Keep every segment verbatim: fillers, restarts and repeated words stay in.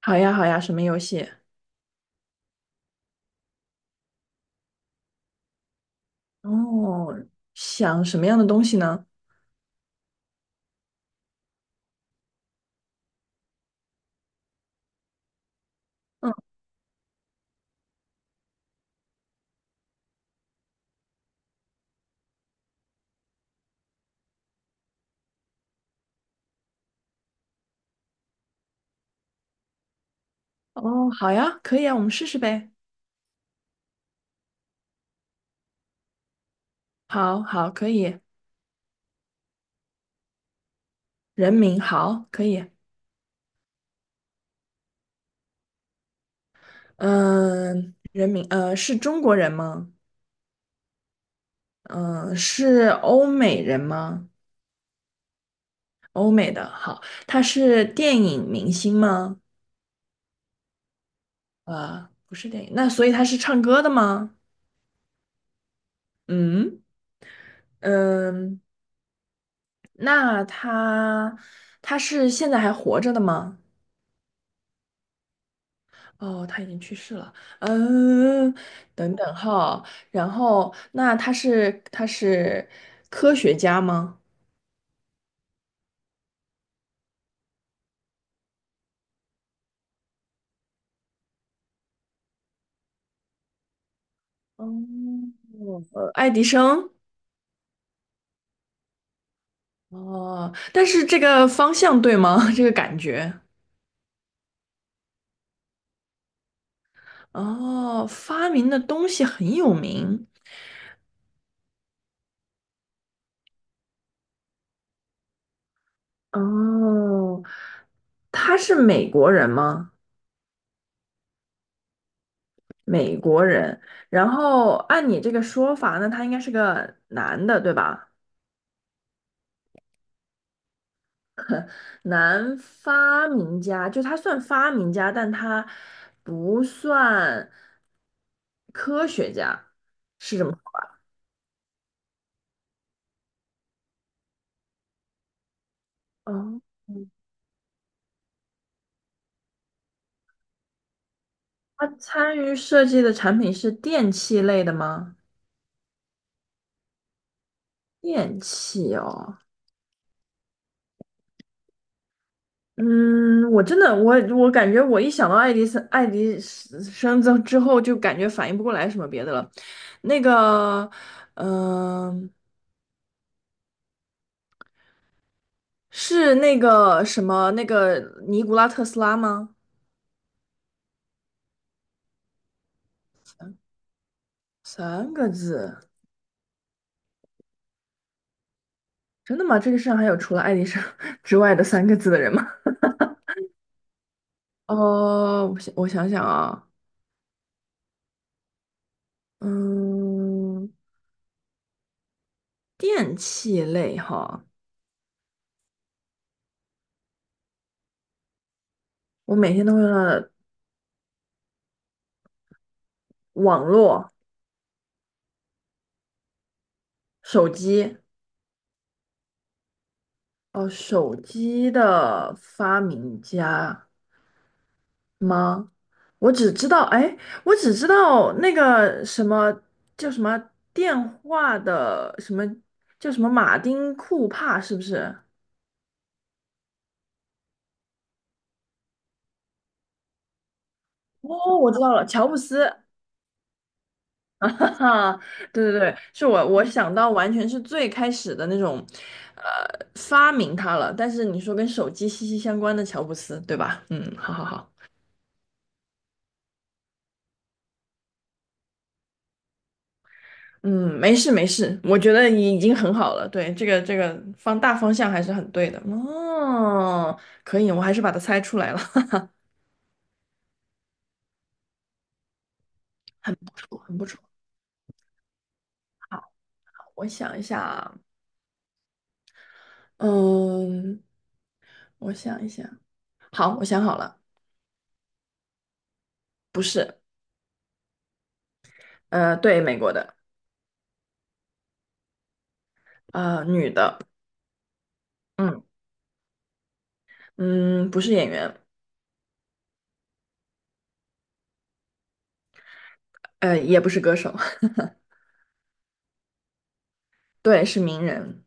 好呀，好呀，什么游戏？哦，想什么样的东西呢？嗯，哦，好呀，可以啊，我们试试呗。好，好，可以。人名，好，可以。嗯、人名，呃，是中国人吗？嗯、是欧美人吗？欧美的，好。他是电影明星吗？啊、不是电影。那所以他是唱歌的吗？嗯，嗯、那他他是现在还活着的吗？哦，他已经去世了。嗯，等等哈，然后那他是他是科学家吗？哦，呃，爱迪生。哦，但是这个方向对吗？这个感觉。哦，发明的东西很有名。哦，他是美国人吗？美国人。然后按你这个说法，那他应该是个男的，对吧？男发明家，就他算发明家，但他不算科学家，是这么说哦。嗯，他参与设计的产品是电器类的吗？电器哦。嗯，我真的，我我感觉我一想到爱迪生，爱迪生之之后，就感觉反应不过来什么别的了。那个，嗯、是那个什么，那个尼古拉特斯拉吗？三个字。真的吗？这个世上还有除了爱迪生 之外的三个字的人吗？哦，我想我想想啊。嗯，电器类哈，我每天都会用到的网络、手机。哦，手机的发明家吗？我只知道，哎，我只知道那个什么叫什么电话的什么叫什么马丁库帕，是不是？哦，我知道了，乔布斯。啊，对对对，是我我想到完全是最开始的那种。呃，发明它了。但是你说跟手机息息相关的乔布斯，对吧？嗯，好好好。嗯，没事没事，我觉得你已经很好了。对，这个这个方大方向还是很对的。哦，可以，我还是把它猜出来了。很不错，很不错。好，我想一下啊。嗯，我想一下，好，我想好了。不是。呃，对，美国的。呃，女的。嗯嗯，不是演员。呃，也不是歌手。对，是名人。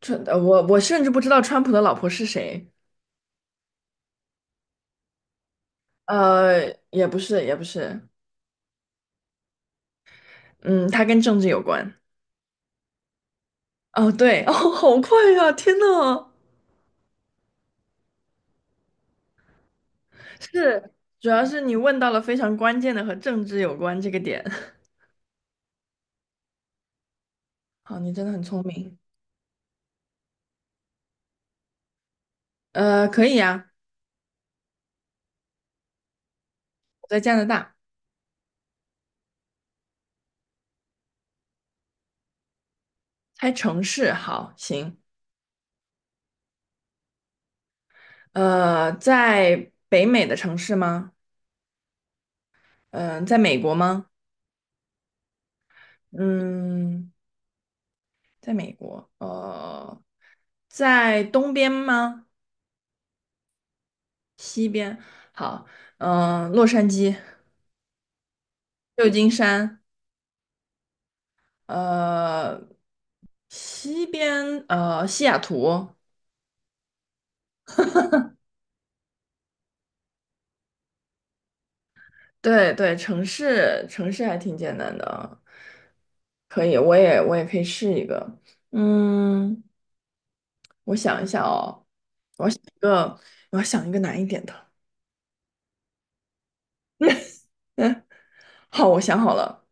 川，呃，我我甚至不知道川普的老婆是谁。呃，也不是，也不是。嗯，他跟政治有关。哦，对，哦，好快呀！天呐，是，主要是你问到了非常关键的和政治有关这个点。好，你真的很聪明。呃，可以呀。我在加拿大。猜城市，好，行。呃，在北美的城市吗？嗯、在美国吗？嗯，在美国。呃，在东边吗？西边？好。嗯、呃洛杉矶、旧金山。呃，西边，呃，西雅图。对对，城市城市还挺简单的。可以，我也我也可以试一个。嗯，我想一下哦，一个我要想一个难一点的。嗯，好，我想好了。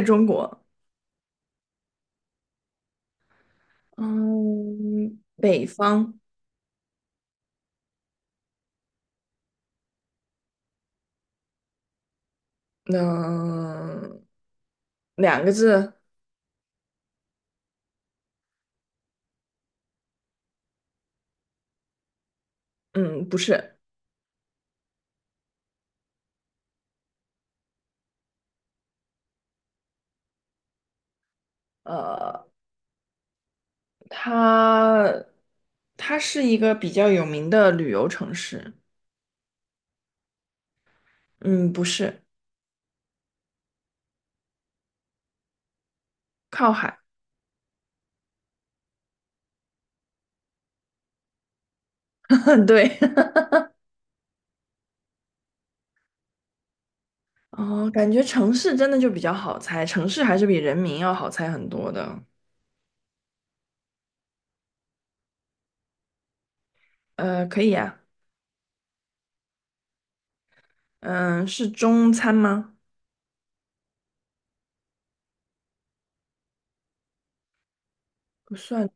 在中国。嗯，北方。嗯，两个字。嗯，不是。呃，它它是一个比较有名的旅游城市。嗯，不是。靠海。对。哦，感觉城市真的就比较好猜，城市还是比人民要好猜很多的。呃，可以啊。嗯，是中餐吗？不算。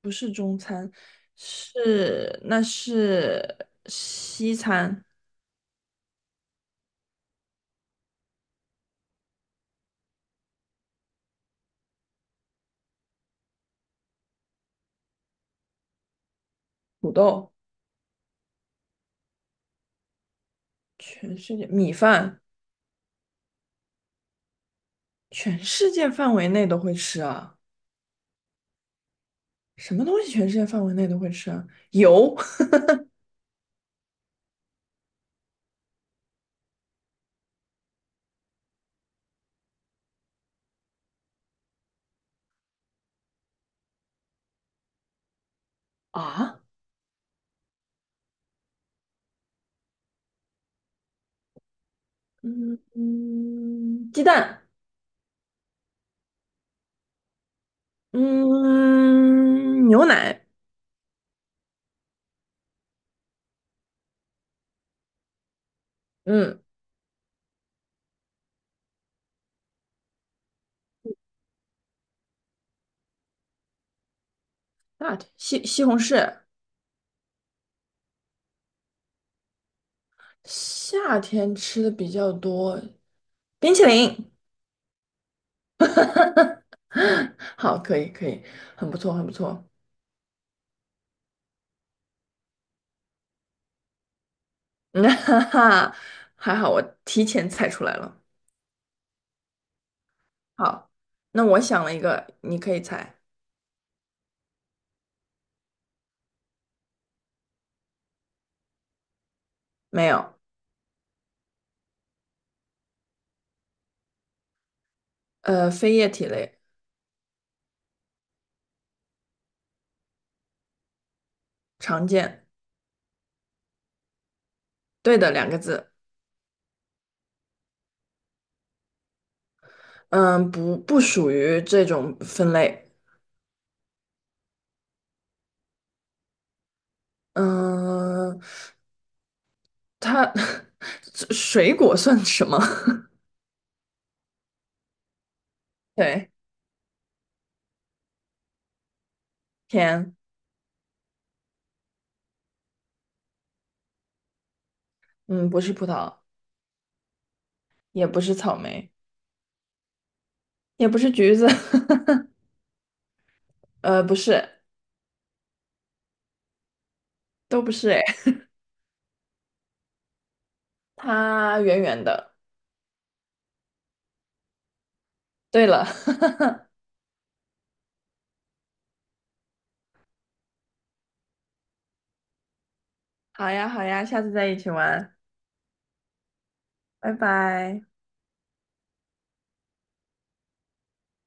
不是中餐。是，那是西餐。土豆。全世界米饭。全世界范围内都会吃啊？什么东西全世界范围内都会吃啊？油。 啊？嗯嗯，鸡蛋。嗯，牛奶。嗯，夏天西西红柿。夏天吃的比较多，冰淇淋。好，可以可以，很不错很不错。嗯，哈哈，还好我提前猜出来了。好，那我想了一个，你可以猜。没有。呃，非液体类。常见。对的，两个字。嗯，不不属于这种分类。嗯，它 这水果算什么？对。甜。嗯，不是葡萄。也不是草莓。也不是橘子。呃，不是。都不是。哎，它圆圆的。对了。好呀，好呀，下次再一起玩。拜拜。